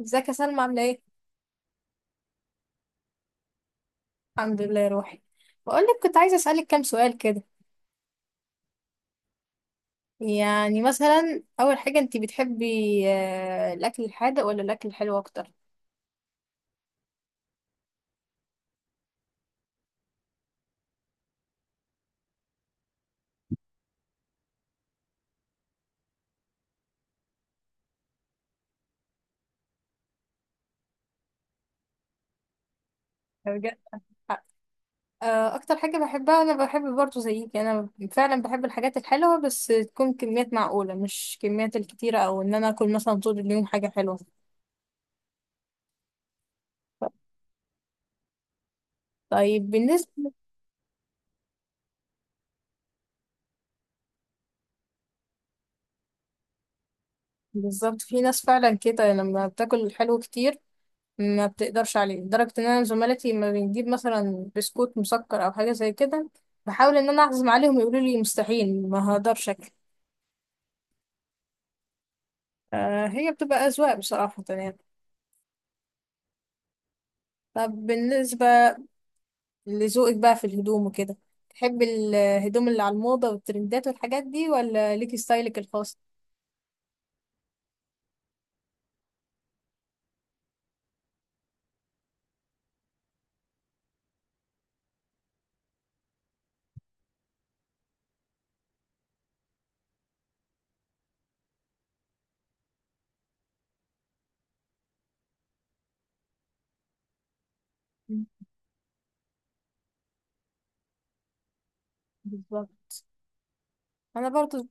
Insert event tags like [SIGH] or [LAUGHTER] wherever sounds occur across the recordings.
ازيك يا سلمى عاملة ايه؟ الحمد لله يا روحي. بقول لك كنت عايزة اسألك كام سؤال كده. يعني مثلا أول حاجة انتي بتحبي، الأكل الحادق ولا الأكل الحلو أكتر؟ بجد؟ أكتر حاجة بحبها أنا بحب برضه زيك، أنا فعلا بحب الحاجات الحلوة بس تكون كميات معقولة، مش كميات الكتيرة أو إن أنا أكل مثلا طول اليوم حاجة حلوة. طيب بالنسبة. بالظبط، في ناس فعلا كده لما بتاكل الحلو كتير ما بتقدرش عليه، لدرجة ان انا زملاتي لما بنجيب مثلا بسكوت مسكر او حاجة زي كده بحاول ان انا اعزم عليهم يقولوا لي مستحيل ما هقدرش اكل. آه، هي بتبقى اذواق بصراحة يعني. طب بالنسبة لذوقك بقى في الهدوم وكده، تحب الهدوم اللي على الموضة والترندات والحاجات دي ولا ليكي ستايلك الخاص؟ مم. بالظبط. انا برضو.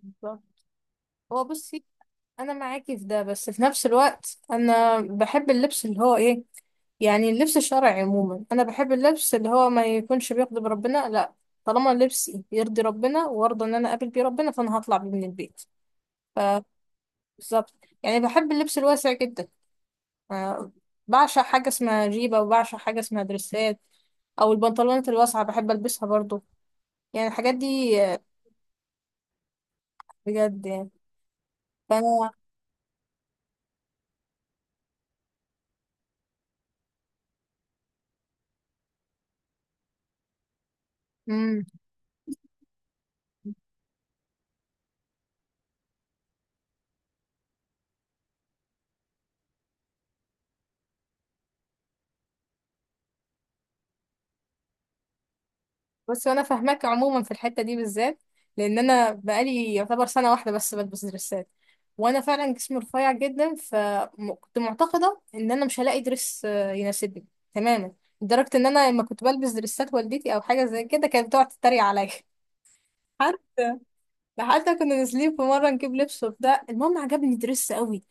بالظبط. هو بصي، انا معاكي في ده، بس في نفس الوقت انا بحب اللبس اللي هو ايه، يعني اللبس الشرعي عموما. انا بحب اللبس اللي هو ما يكونش بيغضب ربنا، لا، طالما لبسي يرضي ربنا وارضى ان انا اقابل بيه ربنا فانا هطلع بيه من البيت. بالظبط. يعني بحب اللبس الواسع جدا. آه، بعشق حاجه اسمها جيبه، وبعشق حاجه اسمها دريسات، او البنطلونات الواسعه بحب البسها برضو. يعني الحاجات دي بجد يعني. فانا. مم. بس انا فاهماك عموما في الحته دي بالذات، لان انا بقالي يعتبر سنه واحده بس بلبس دريسات، وانا فعلا جسمي رفيع جدا فكنت معتقده ان انا مش هلاقي دريس يناسبني تماما. لدرجه ان انا لما كنت بلبس دريسات والدتي او حاجه زي كده كانت بتقعد تتريق عليا [LAUGHS] حتى حتى كنا نازلين في مره نجيب لبس وبتاع، المهم عجبني دريس قوي،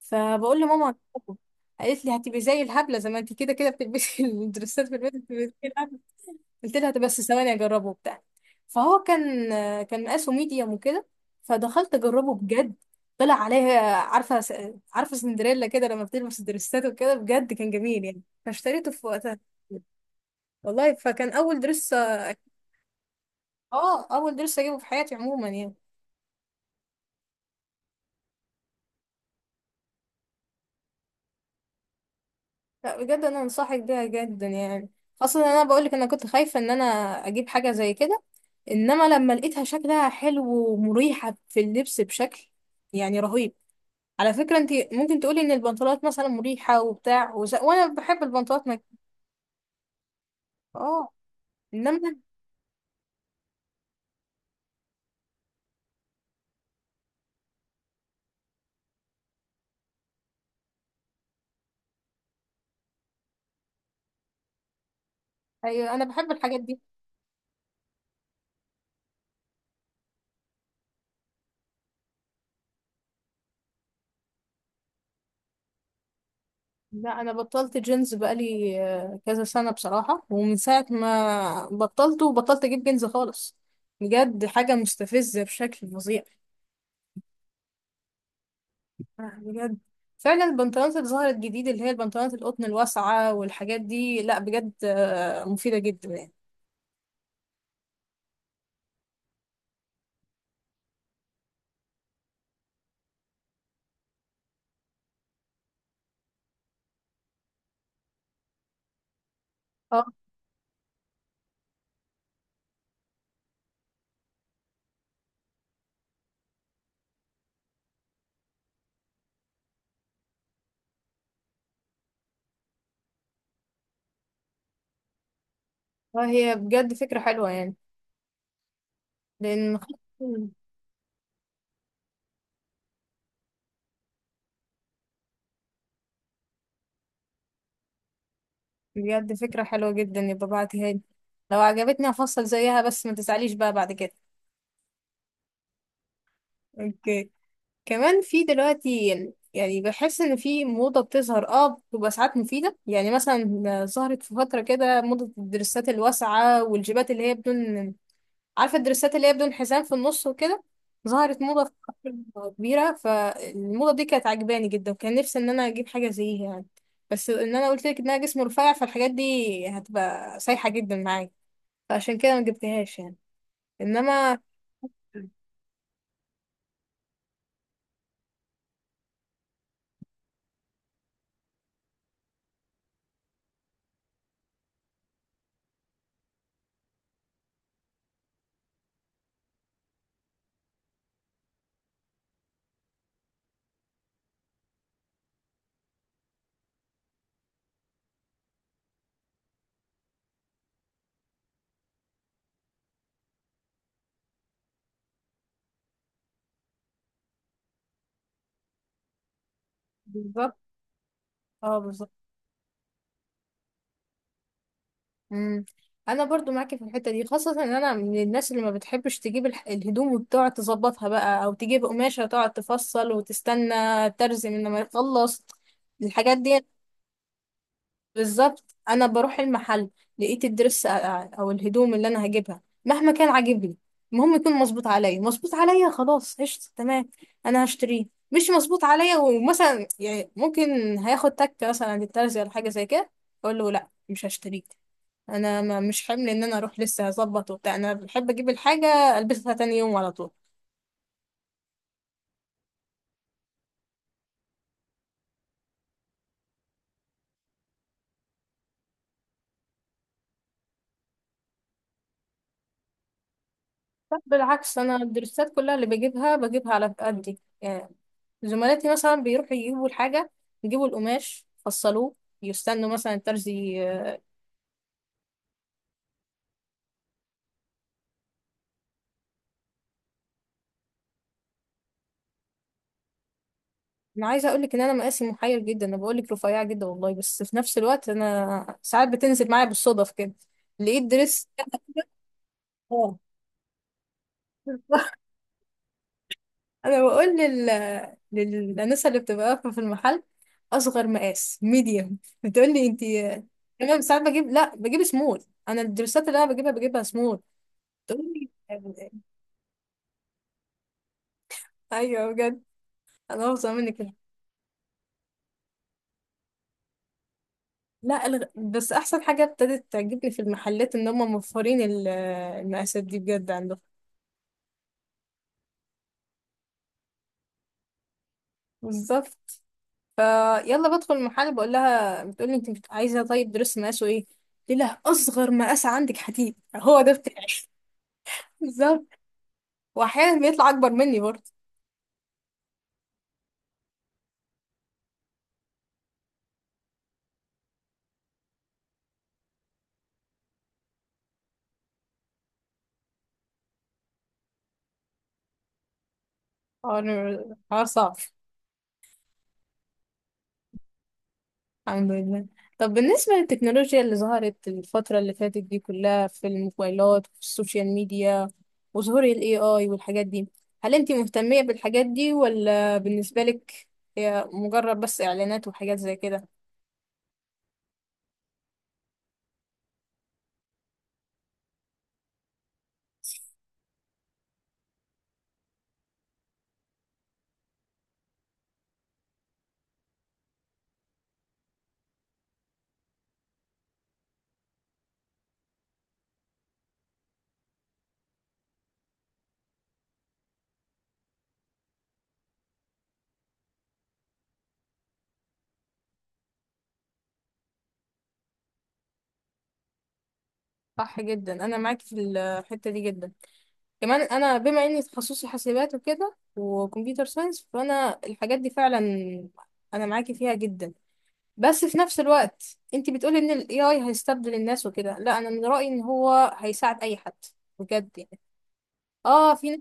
فبقول لماما هجيبه. قالت لي هتبقي زي الهبله، زي ما انت كده كده بتلبسي [LAUGHS] الدريسات في البيت بتبقي زي الهبله. قلت لها طب بس ثواني اجربه وبتاع. فهو كان كان مقاسه ميديوم وكده، فدخلت اجربه بجد، طلع عليها عارفه عارفه سندريلا كده لما بتلبس دريسات وكده، بجد كان جميل يعني فاشتريته في وقتها. والله فكان اول درس، اه اول درس اجيبه في حياتي عموما يعني. لا بجد انا انصحك بيها جدا يعني. اصلا انا بقولك انا كنت خايفه ان انا اجيب حاجه زي كده، انما لما لقيتها شكلها حلو ومريحه في اللبس بشكل يعني رهيب. على فكرة انت ممكن تقولي ان البنطلونات مثلا مريحة وبتاع وانا بحب البنطلونات مك... اه. انما. ايوه انا بحب الحاجات دي. لا انا بطلت جينز بقالي كذا سنة بصراحة، ومن ساعة ما بطلته بطلت اجيب جينز خالص. بجد حاجة مستفزة بشكل فظيع. بجد فعلا. البنطلونات اللي ظهرت جديد اللي هي البنطلونات القطن الواسعة والحاجات دي لا بجد مفيدة جدا يعني. اه. هي بجد فكرة حلوة يعني. لان. بجد فكرة حلوة جدا، يبقى بعتيها لي، لو عجبتني هفصل زيها، بس ما تزعليش بقى بعد كده. اوكي. كمان في دلوقتي، يعني بحس ان في موضة بتظهر اه بتبقى ساعات مفيدة، يعني مثلا ظهرت في فترة كده موضة الدرسات الواسعة والجيبات اللي هي بدون، عارفة الدرسات اللي هي بدون حزام في النص وكده، ظهرت موضة في فترة كبيرة. فالموضة دي كانت عجباني جدا وكان نفسي ان انا اجيب حاجة زيها يعني، بس ان انا قلت لك انها جسم رفيع فالحاجات دي هتبقى سايحة جدا معايا، فعشان كده ما جبتهاش يعني. انما. بالظبط. اه بالظبط. امم. انا برضو معاكي في الحته دي، خاصه ان انا من الناس اللي ما بتحبش تجيب الهدوم وتقعد تظبطها بقى، او تجيب قماشه تقعد تفصل وتستنى ترزي من لما يخلص الحاجات دي. بالظبط. انا بروح المحل، لقيت الدرس او الهدوم اللي انا هجيبها مهما كان عاجبني، المهم يكون مظبوط عليا، مظبوط عليا خلاص قشطة تمام انا هشتريه. مش مظبوط عليا ومثلا يعني ممكن هياخد تكة مثلا عند الترزي ولا حاجة زي كده، اقول له لا مش هشتريه. انا ما مش حمل ان انا اروح لسه هظبط وبتاع، انا بحب اجيب الحاجة البسها تاني يوم على طول. لا بالعكس، انا الدرسات كلها اللي بجيبها بجيبها على قدي يعني. زملاتي مثلا بيروحوا يجيبوا الحاجة، يجيبوا القماش فصلوه، يستنوا مثلا انا عايزه اقول لك ان انا مقاسي محير جدا، انا بقول لك رفيعه جدا والله بس في نفس الوقت انا ساعات بتنزل معايا بالصدف كده لقيت دريس. اه. [LAUGHS] انا بقول لل للانسه اللي بتبقى واقفه في المحل اصغر مقاس ميديوم، بتقول لي انت. تمام ساعات بجيب لا بجيب سمول، انا الدرسات اللي انا بجيبها بجيبها سمول. تقول لي [LAUGHS] ايوه بجد انا بفظع منك. لا الغ... بس احسن حاجه ابتدت تعجبني في المحلات ان هم موفرين المقاسات دي بجد عندهم. بالظبط. يلا بدخل المحل بقول لها بتقول لي انت عايزه طيب درس مقاسه ايه، قلت لها اصغر مقاس عندك حديد هو ده بتاعي [LAUGHS] بالظبط، واحيانا بيطلع اكبر مني برضه. حوار صعب. الحمد لله. طب بالنسبة للتكنولوجيا اللي ظهرت الفترة اللي فاتت دي كلها في الموبايلات وفي السوشيال ميديا وظهور ال AI والحاجات دي، هل انتي مهتمية بالحاجات دي ولا بالنسبة لك هي مجرد بس إعلانات وحاجات زي كده؟ صح جدا، أنا معاكي في الحتة دي جدا. كمان أنا بما إني تخصصي حاسبات وكده وكمبيوتر ساينس فأنا الحاجات دي فعلا أنا معاكي فيها جدا. بس في نفس الوقت انت بتقولي ان ال AI هيستبدل الناس وكده، لا انا من رأيي ان هو هيساعد اي حد بجد يعني. اه في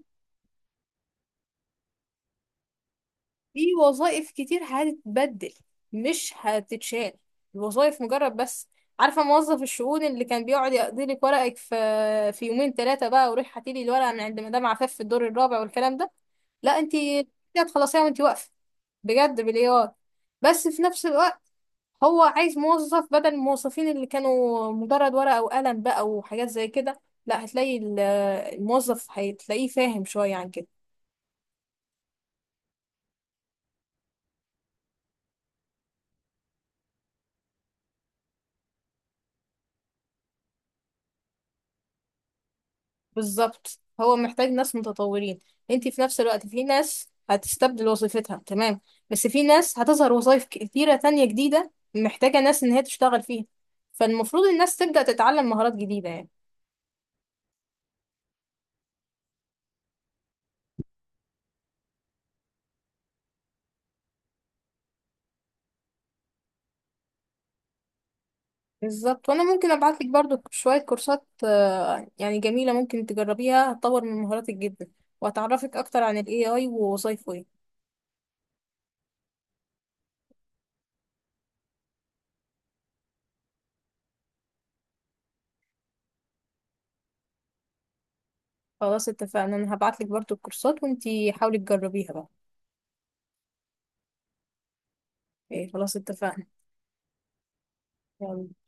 في وظائف كتير هتتبدل مش هتتشال. الوظائف مجرد بس، عارفة موظف الشؤون اللي كان بيقعد يقضي لك ورقك في في يومين ثلاثة بقى وروح هاتي لي الورقة من عند مدام عفاف في الدور الرابع والكلام ده، لا انت هتخلصيها وانت واقفة بجد بالاي اي. بس في نفس الوقت هو عايز موظف بدل الموظفين اللي كانوا مجرد ورقة وقلم بقى وحاجات زي كده، لا هتلاقي الموظف هتلاقيه فاهم شوية عن كده. بالظبط، هو محتاج ناس متطورين. انت في نفس الوقت في ناس هتستبدل وظيفتها تمام، بس في ناس هتظهر وظائف كتيرة تانية جديدة محتاجة ناس ان هي تشتغل فيها، فالمفروض الناس تبدأ تتعلم مهارات جديدة يعني. بالظبط، وانا ممكن ابعت لك برضو شويه كورسات يعني جميله ممكن تجربيها هتطور من مهاراتك جدا وهتعرفك اكتر عن الاي اي ووظايفه ايه. خلاص اتفقنا، انا هبعت لك برضو الكورسات وانتي حاولي تجربيها بقى. إيه خلاص اتفقنا. يلا.